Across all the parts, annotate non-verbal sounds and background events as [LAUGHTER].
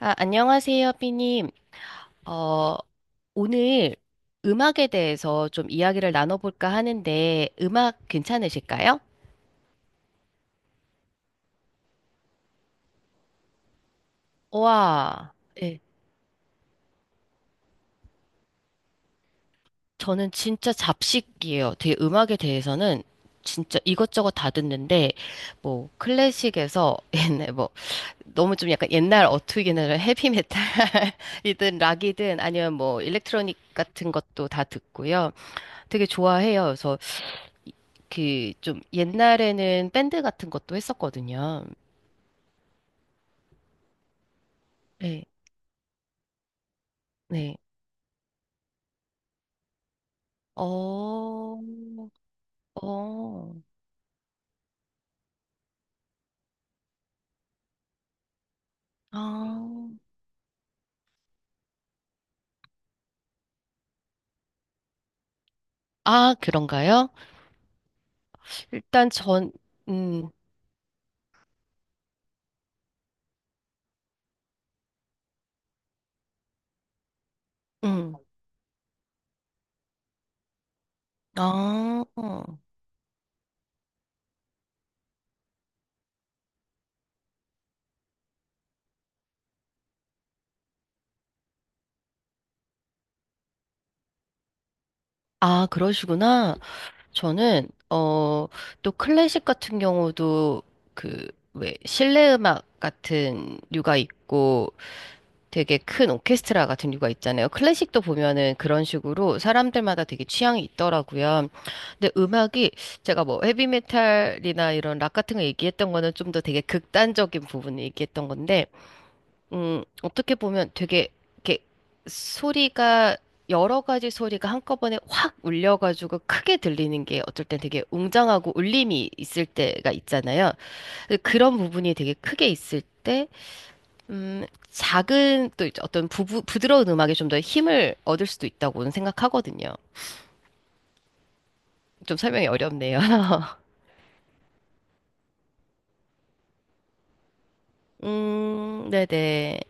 아, 안녕하세요, 삐님. 어, 오늘 음악에 대해서 좀 이야기를 나눠볼까 하는데, 음악 괜찮으실까요? 와, 네, 저는 진짜 잡식이에요. 되게 음악에 대해서는 진짜 이것저것 다 듣는데, 뭐, 클래식에서 [LAUGHS] 옛날, 뭐, 너무 좀 약간 옛날 어투기긴해피 헤비메탈이든 [LAUGHS] 락이든 아니면 뭐, 일렉트로닉 같은 것도 다 듣고요. 되게 좋아해요. 그래서 그 좀 옛날에는 밴드 같은 것도 했었거든요. 네, 네. 어, 어, 아, 아, 그런가요? 일단 전, 음, 음, 아, 아, 그러시구나. 저는, 또 클래식 같은 경우도 그, 왜, 실내 음악 같은 류가 있고, 되게 큰 오케스트라 같은 류가 있잖아요. 클래식도 보면은 그런 식으로 사람들마다 되게 취향이 있더라고요. 근데 음악이 제가 뭐 헤비메탈이나 이런 락 같은 거 얘기했던 거는 좀 더 되게 극단적인 부분을 얘기했던 건데, 어떻게 보면 되게 이렇게 소리가 여러 가지 소리가 한꺼번에 확 울려가지고 크게 들리는 게 어쩔 땐 되게 웅장하고 울림이 있을 때가 있잖아요. 근데 그런 부분이 되게 크게 있을 때 작은 또 이제 어떤 부드러운 음악에 좀 더 힘을 얻을 수도 있다고는 생각하거든요. 좀 설명이 어렵네요. [LAUGHS] 네네.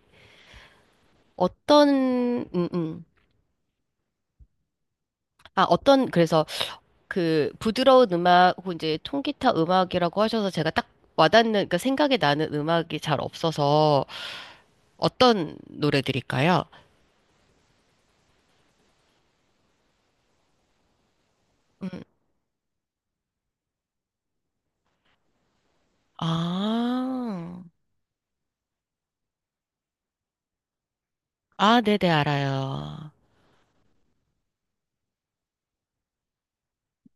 어떤, 음, 음. 아, 어떤, 그래서 그 부드러운 음악, 혹은 이제 통기타 음악이라고 하셔서 제가 딱 와닿는, 그러니까 생각이 나는 음악이 잘 없어서 어떤 노래들일까요? 음, 아, 아, 네네, 알아요.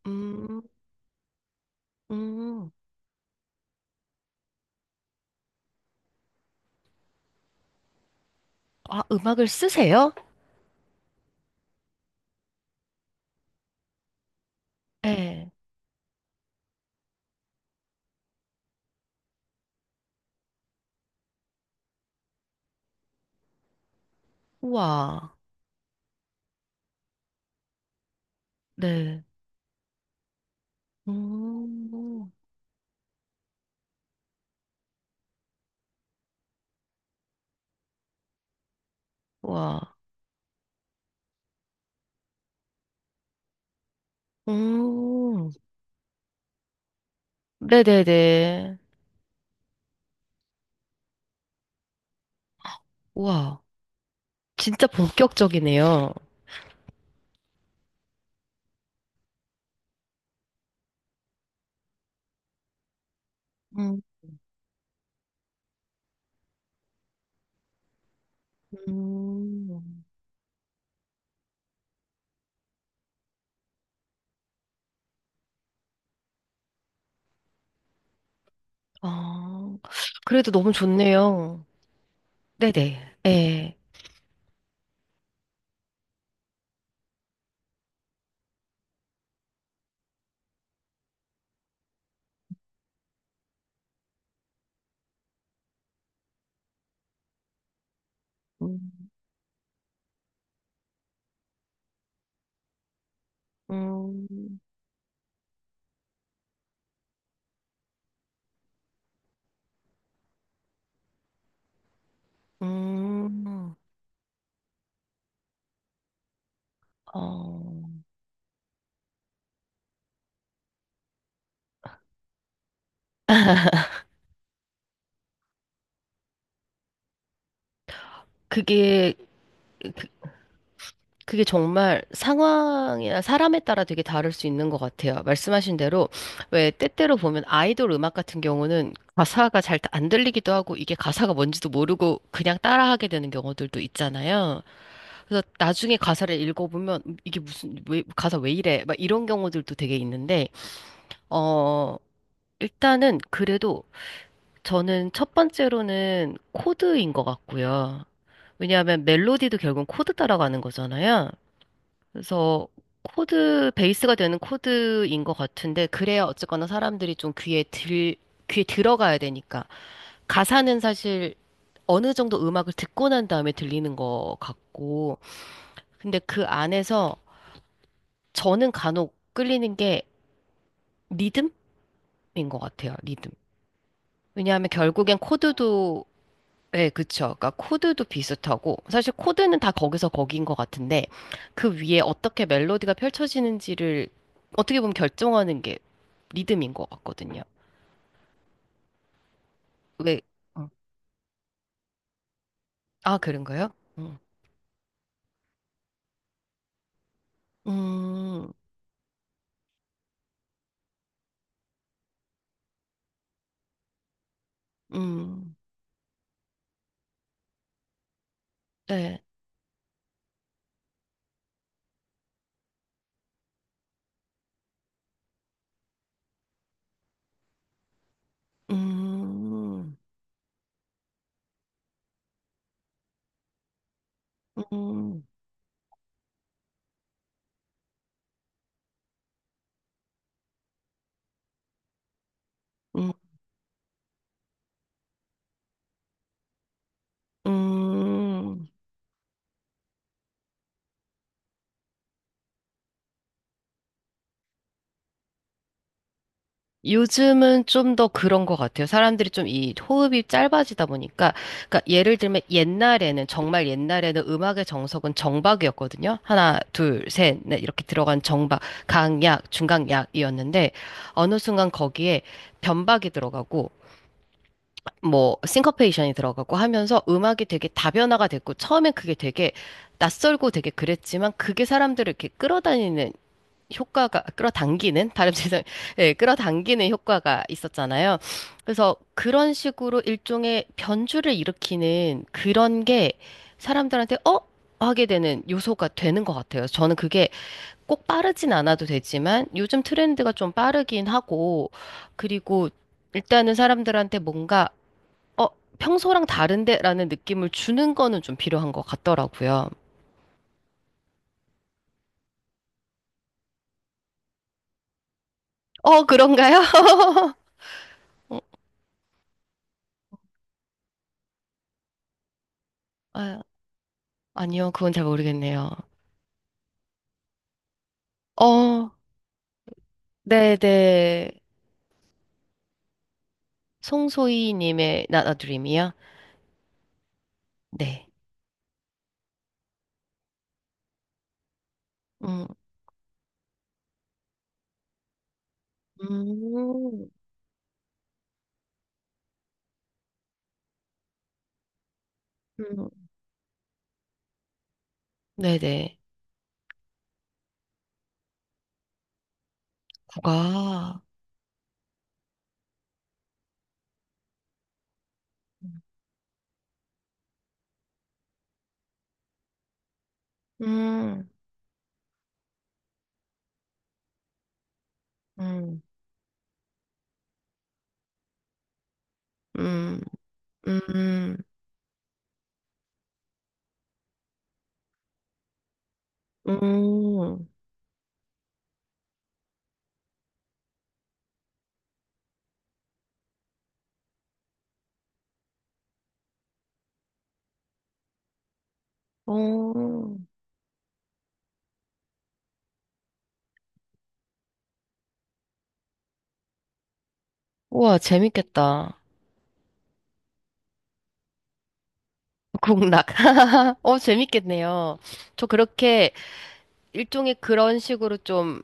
음, 음. 아, 음악을 쓰세요? 네. 우와, 네. 음, 우와, 음, 네네네. 우와, 진짜 본격적이네요. 음, 음. 아, 그래도 너무 좋네요. 네네, 예. 음, 음, 음. 어, 그게 그게 정말 상황이나 사람에 따라 되게 다를 수 있는 것 같아요. 말씀하신 대로, 왜 때때로 보면 아이돌 음악 같은 경우는 가사가 잘 안 들리기도 하고 이게 가사가 뭔지도 모르고 그냥 따라하게 되는 경우들도 있잖아요. 그래서 나중에 가사를 읽어보면 이게 무슨, 왜, 가사 왜 이래? 막 이런 경우들도 되게 있는데, 어, 일단은 그래도 저는 첫 번째로는 코드인 것 같고요. 왜냐하면 멜로디도 결국은 코드 따라가는 거잖아요. 그래서 코드, 베이스가 되는 코드인 것 같은데, 그래야 어쨌거나 사람들이 좀 귀에 들어가야 되니까. 가사는 사실 어느 정도 음악을 듣고 난 다음에 들리는 것 같고, 근데 그 안에서 저는 간혹 끌리는 게 리듬인 것 같아요, 리듬. 왜냐하면 결국엔 코드도 네, 그쵸. 그러니까 코드도 비슷하고 사실 코드는 다 거기서 거기인 것 같은데 그 위에 어떻게 멜로디가 펼쳐지는지를 어떻게 보면 결정하는 게 리듬인 것 같거든요. 왜? 어. 아, 그런가요? 음, 음, 음, 네, 음, 음, 음, 음. 음. 요즘은 좀 더 그런 것 같아요. 사람들이 좀 이 호흡이 짧아지다 보니까, 그러니까 예를 들면 옛날에는, 정말 옛날에는 음악의 정석은 정박이었거든요. 하나, 둘, 셋, 넷 이렇게 들어간 정박, 강약, 중강약이었는데, 어느 순간 거기에 변박이 들어가고, 뭐, 싱커페이션이 들어가고 하면서 음악이 되게 다변화가 됐고, 처음엔 그게 되게 낯설고 되게 그랬지만, 그게 사람들을 이렇게 끌어다니는 효과가 끌어당기는 발음 죄송 [LAUGHS] 예 끌어당기는 효과가 있었잖아요. 그래서 그런 식으로 일종의 변주를 일으키는 그런 게 사람들한테 하게 되는 요소가 되는 것 같아요. 저는 그게 꼭 빠르진 않아도 되지만 요즘 트렌드가 좀 빠르긴 하고 그리고 일단은 사람들한테 뭔가 어 평소랑 다른데라는 느낌을 주는 거는 좀 필요한 것 같더라고요. 그런가요? [LAUGHS] 아, 아니요, 그건 잘 모르겠네요. 어, 네네. 송소희님의 Not a Dream이요? 네. 음, 음, 음, 네네. 국악. 음, 음, 음, 음, 음, 오. 우와, 재밌겠다. 국락. [LAUGHS] 재밌겠네요. 저 그렇게 일종의 그런 식으로 좀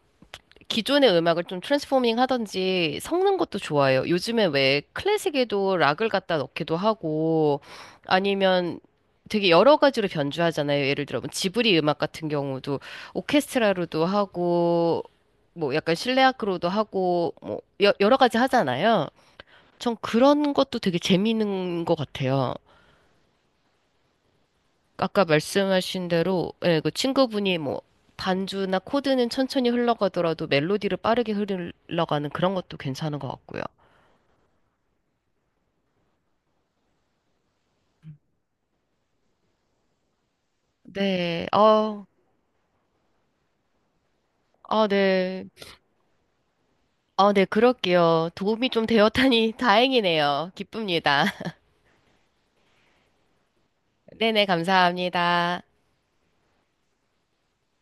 기존의 음악을 좀 트랜스포밍 하던지 섞는 것도 좋아해요. 요즘에 왜 클래식에도 락을 갖다 넣기도 하고 아니면 되게 여러 가지로 변주하잖아요. 예를 들어 뭐 지브리 음악 같은 경우도 오케스트라로도 하고 뭐 약간 실내악으로도 하고 뭐 여러 가지 하잖아요. 전 그런 것도 되게 재미있는 것 같아요. 아까 말씀하신 대로 예, 그 친구분이 뭐 반주나 코드는 천천히 흘러가더라도 멜로디를 빠르게 흘러가는 그런 것도 괜찮은 것 같고요. 네, 아, 아, 네. 아, 네, 그럴게요. 도움이 좀 되었다니 [LAUGHS] 다행이네요. 기쁩니다. [LAUGHS] 네네, 감사합니다.